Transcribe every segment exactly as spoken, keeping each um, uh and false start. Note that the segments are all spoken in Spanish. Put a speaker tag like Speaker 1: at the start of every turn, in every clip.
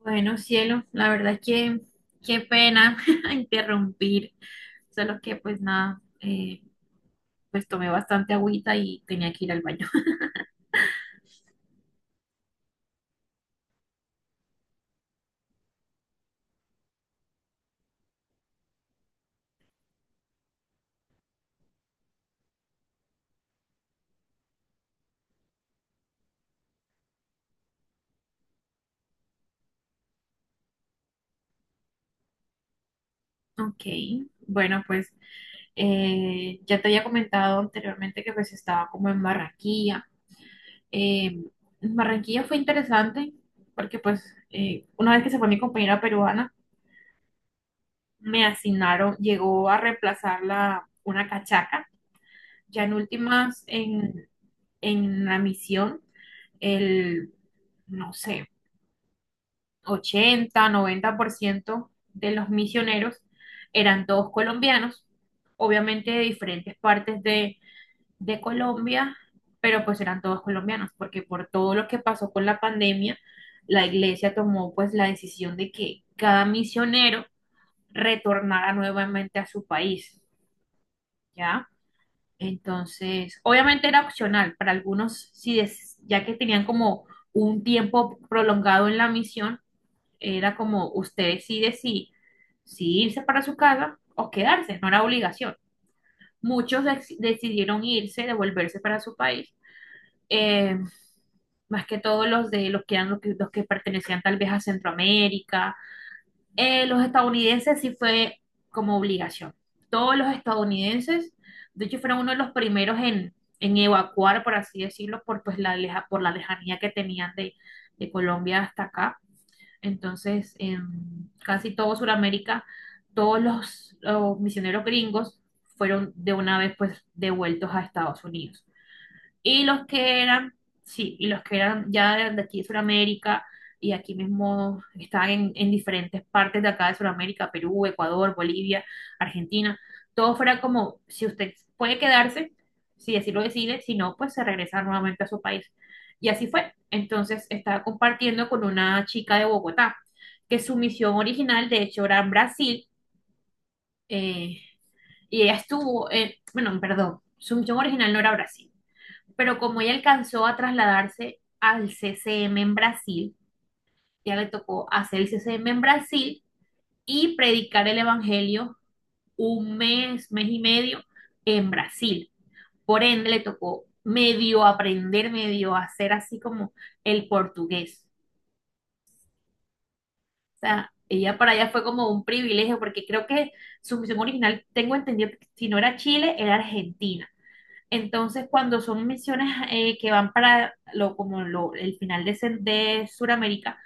Speaker 1: Bueno, cielo, la verdad es que qué pena interrumpir, solo que pues nada, eh, pues tomé bastante agüita y tenía que ir al baño. Ok, bueno, pues eh, ya te había comentado anteriormente que pues estaba como en Barranquilla. Eh, Barranquilla fue interesante porque pues eh, una vez que se fue mi compañera peruana, me asignaron, llegó a reemplazarla una cachaca, ya en últimas en, en la misión. El, no sé, ochenta noventa por ciento de los misioneros eran todos colombianos, obviamente de diferentes partes de, de Colombia, pero pues eran todos colombianos, porque por todo lo que pasó con la pandemia, la iglesia tomó pues la decisión de que cada misionero retornara nuevamente a su país, ¿ya? Entonces, obviamente era opcional para algunos, si des- ya que tenían como un tiempo prolongado en la misión, era como usted decide si, si irse para su casa o quedarse, no era obligación. Muchos dec- decidieron irse, devolverse para su país. Eh, más que todos los de los que eran los que, los que pertenecían tal vez a Centroamérica. Eh, los estadounidenses sí fue como obligación. Todos los estadounidenses, de hecho, fueron uno de los primeros en, en evacuar, por así decirlo, por, pues, la, leja- por la lejanía que tenían de, de Colombia hasta acá. Entonces, en casi todo Sudamérica, todos los, los misioneros gringos fueron de una vez pues devueltos a Estados Unidos. Y los que eran, sí, y los que eran ya de, de aquí de Sudamérica, y aquí mismo estaban en, en diferentes partes de acá de Sudamérica: Perú, Ecuador, Bolivia, Argentina, todo fuera como si usted puede quedarse, si así lo decide, si no, pues se regresa nuevamente a su país. Y así fue. Entonces estaba compartiendo con una chica de Bogotá, que su misión original, de hecho, era en Brasil. Eh, y ella estuvo, en- bueno, perdón, su misión original no era Brasil, pero como ella alcanzó a trasladarse al C C M en Brasil, ya le tocó hacer el C C M en Brasil y predicar el Evangelio un mes, mes y medio en Brasil. Por ende, le tocó medio aprender, medio hacer así como el portugués. O sea, ella, para ella fue como un privilegio porque creo que su misión original, tengo entendido, que si no era Chile, era Argentina. Entonces, cuando son misiones eh, que van para lo, como lo- el final de, Cen- de Sudamérica,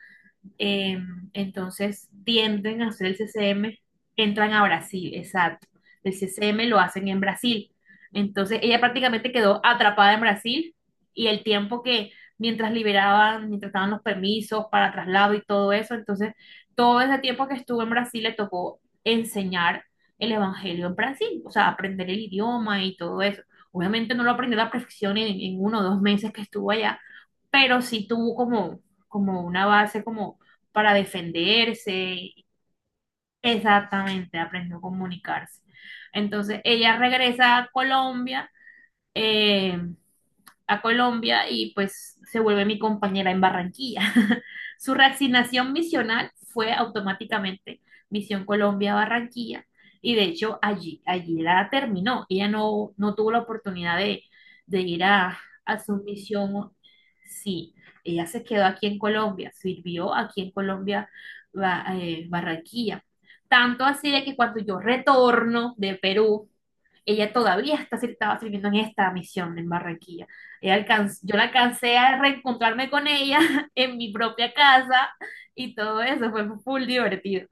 Speaker 1: eh, entonces tienden a hacer el C C M, entran a Brasil, exacto. El C C M lo hacen en Brasil. Entonces ella prácticamente quedó atrapada en Brasil, y el tiempo que mientras liberaban, mientras daban los permisos para traslado y todo eso, entonces todo ese tiempo que estuvo en Brasil le tocó enseñar el evangelio en Brasil, o sea, aprender el idioma y todo eso. Obviamente no lo aprendió a la perfección en, en, uno o dos meses que estuvo allá, pero sí tuvo como, como una base como para defenderse. Exactamente, aprendió a comunicarse. Entonces ella regresa a Colombia, eh, a Colombia, y pues se vuelve mi compañera en Barranquilla. Su reasignación misional fue automáticamente Misión Colombia Barranquilla, y de hecho allí, allí la terminó. Ella no, no tuvo la oportunidad de, de ir a, a su misión. Sí, ella se quedó aquí en Colombia, sirvió aquí en Colombia, Ba- eh, Barranquilla. Tanto así de que cuando yo retorno de Perú, ella todavía está, estaba sirviendo en esta misión en Barranquilla. Ella alcan- yo la alcancé a reencontrarme con ella en mi propia casa, y todo eso fue full divertido,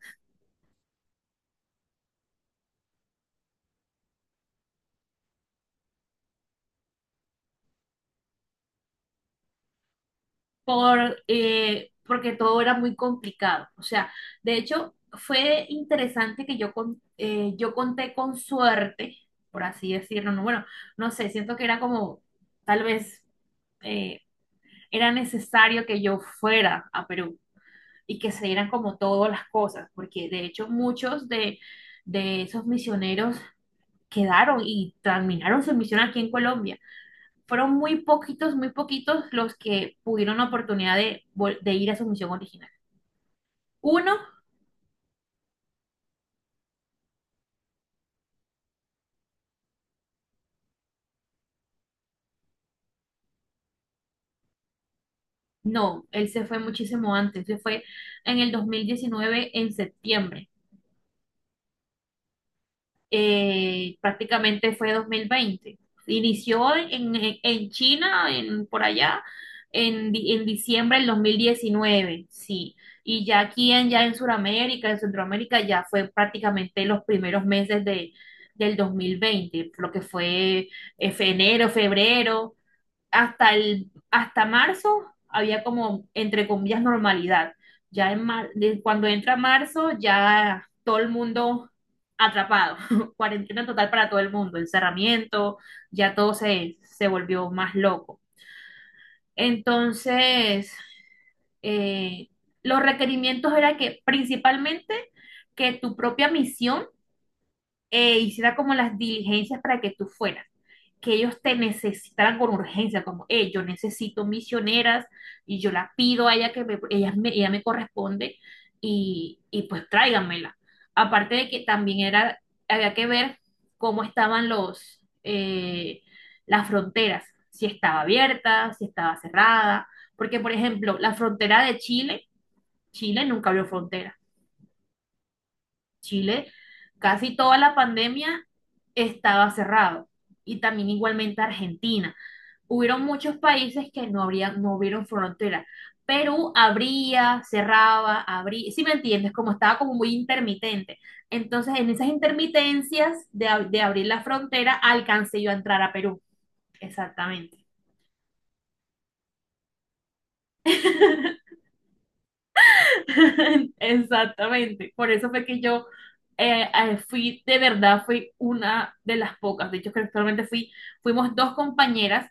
Speaker 1: por, eh, porque todo era muy complicado. O sea, de hecho, fue interesante que yo, con- eh, yo conté con suerte, por así decirlo. No, bueno, no sé, siento que era como, tal vez eh, era necesario que yo fuera a Perú y que se dieran como todas las cosas, porque de hecho muchos de de esos misioneros quedaron y terminaron su misión aquí en Colombia. Fueron muy poquitos, muy poquitos los que pudieron la oportunidad de, vol- de ir a su misión original. Uno, no, él se fue muchísimo antes, se fue en el dos mil diecinueve en septiembre. eh, prácticamente fue dos mil veinte. Inició en, en- en China, en, por allá, en, di- en diciembre del dos mil diecinueve, sí. Y ya aquí en, ya en Sudamérica, en Centroamérica, ya fue prácticamente los primeros meses de, del dos mil veinte, lo que fue eh, fe- enero, febrero, hasta el, hasta marzo había como, entre comillas, normalidad. Ya en mar- de- cuando entra marzo, ya todo el mundo atrapado, cuarentena total para todo el mundo, encerramiento, ya todo se, se volvió más loco. Entonces, eh, los requerimientos era que principalmente que tu propia misión eh, hiciera como las diligencias para que tú fueras, que ellos te necesitaran con urgencia, como, eh, yo necesito misioneras y yo la pido a ella que me, ella me, ella me corresponde, y, y pues tráiganmela. Aparte de que también era, había que ver cómo estaban los, eh, las fronteras, si estaba abierta, si estaba cerrada, porque por ejemplo, la frontera de Chile, Chile nunca abrió frontera. Chile, casi toda la pandemia estaba cerrado, y también igualmente Argentina. Hubieron muchos países que no habría, no hubieron frontera. Perú abría, cerraba, abría, si me entiendes, como estaba como muy intermitente. Entonces, en esas intermitencias de, ab- de abrir la frontera, alcancé yo a entrar a Perú. Exactamente. Exactamente, por eso fue que yo eh, eh, fui, de verdad, fui una de las pocas, de hecho creo que actualmente fui, fuimos dos compañeras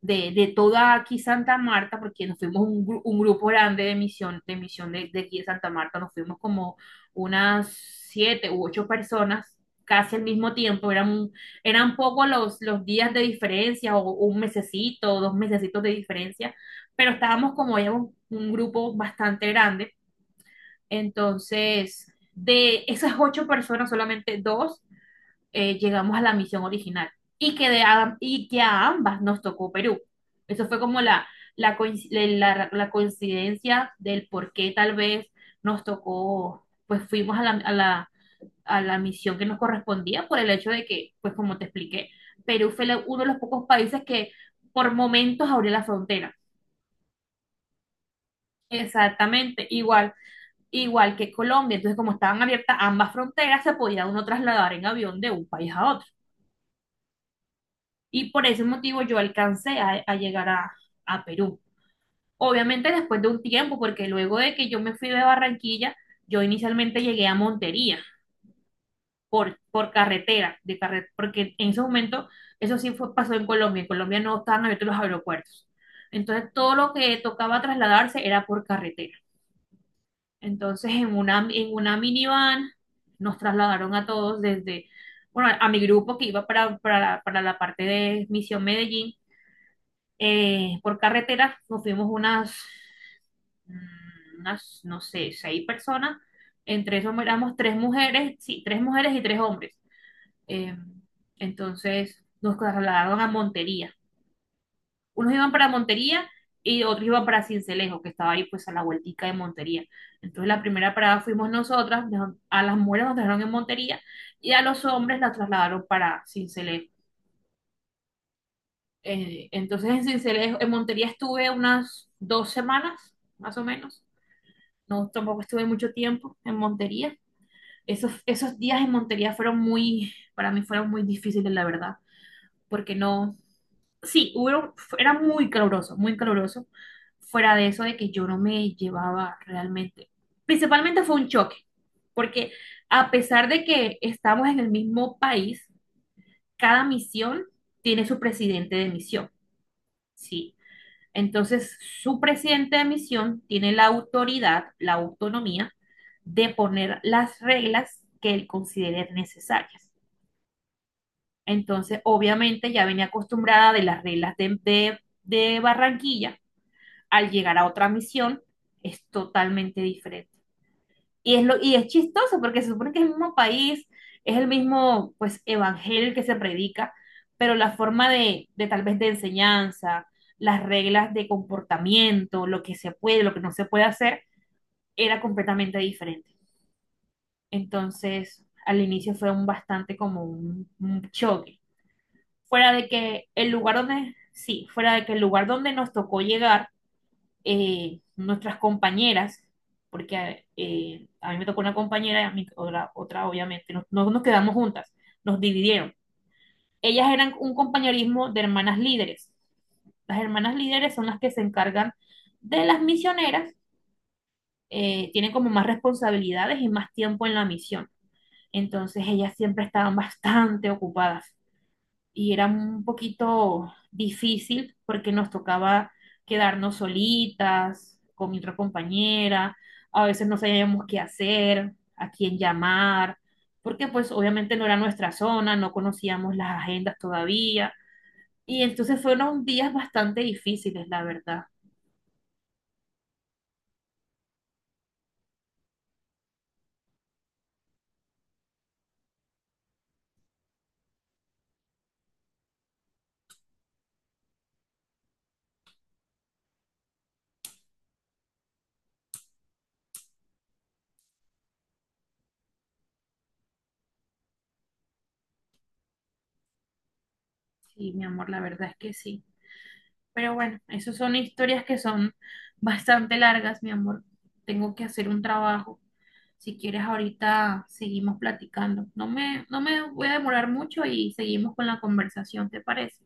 Speaker 1: de, de toda aquí Santa Marta, porque nos fuimos un, gru- un grupo grande de misión, de misión de, de aquí de Santa Marta, nos fuimos como unas siete u ocho personas casi al mismo tiempo, eran, eran pocos los, los días de diferencia, o un mesecito, o dos mesecitos de diferencia, pero estábamos como, éramos un grupo bastante grande. Entonces, de esas ocho personas, solamente dos eh, llegamos a la misión original, y que, de a, y que a ambas nos tocó Perú. Eso fue como la, la, coinc- la- la coincidencia del por qué tal vez nos tocó, pues fuimos a la, a la, a la misión que nos correspondía por el hecho de que, pues como te expliqué, Perú fue la- uno de los pocos países que por momentos abrió la frontera. Exactamente, igual. Igual que Colombia. Entonces, como estaban abiertas ambas fronteras, se podía uno trasladar en avión de un país a otro. Y por ese motivo yo alcancé a, a llegar a, a Perú. Obviamente después de un tiempo, porque luego de que yo me fui de Barranquilla, yo inicialmente llegué a Montería por, por carretera, de carre- porque en ese momento eso sí fue, pasó en Colombia. En Colombia no estaban abiertos los aeropuertos. Entonces todo lo que tocaba trasladarse era por carretera. Entonces, en una, en una minivan nos trasladaron a todos desde, bueno, a mi grupo que iba para, para, para la parte de Misión Medellín, eh, por carretera nos fuimos unas, mm, unas, no sé, seis personas, entre eso éramos tres mujeres, sí, tres mujeres y tres hombres. Eh, entonces, nos trasladaron a Montería, unos iban para Montería y otros iban para Cincelejo, que estaba ahí pues a la vueltica de Montería. Entonces la primera parada fuimos nosotras, nos- a las mujeres nos dejaron en Montería y a los hombres la trasladaron para Cincelejo. Eh, entonces en Cincelejo, en Montería estuve unas dos semanas, más o menos. No, tampoco estuve mucho tiempo en Montería. Esos, esos días en Montería fueron muy, para mí fueron muy difíciles, la verdad, porque no, sí, hubo, era muy caluroso, muy caluroso. Fuera de eso de que yo no me llevaba realmente. Principalmente fue un choque, porque a pesar de que estamos en el mismo país, cada misión tiene su presidente de misión, ¿sí? Entonces, su presidente de misión tiene la autoridad, la autonomía de poner las reglas que él considere necesarias. Entonces, obviamente ya venía acostumbrada de las reglas de, de de Barranquilla, al llegar a otra misión es totalmente diferente. Y es, lo, y es chistoso porque se supone que es el mismo país, es el mismo pues evangelio que se predica, pero la forma de, de tal vez de enseñanza, las reglas de comportamiento, lo que se puede, lo que no se puede hacer, era completamente diferente. Entonces, al inicio fue un bastante como un, un choque. Fuera de que el lugar donde, sí, fuera de que el lugar donde nos tocó llegar, eh, nuestras compañeras, porque eh, a mí me tocó una compañera y a mí otra, otra obviamente, no, no nos quedamos juntas, nos dividieron. Ellas eran un compañerismo de hermanas líderes. Las hermanas líderes son las que se encargan de las misioneras, eh, tienen como más responsabilidades y más tiempo en la misión. Entonces ellas siempre estaban bastante ocupadas, y era un poquito difícil porque nos tocaba quedarnos solitas con mi otra compañera, a veces no sabíamos qué hacer, a quién llamar, porque pues obviamente no era nuestra zona, no conocíamos las agendas todavía, y entonces fueron días bastante difíciles, la verdad. Sí, mi amor, la verdad es que sí. Pero bueno, esas son historias que son bastante largas, mi amor. Tengo que hacer un trabajo. Si quieres, ahorita seguimos platicando. No me, no me voy a demorar mucho, y seguimos con la conversación, ¿te parece?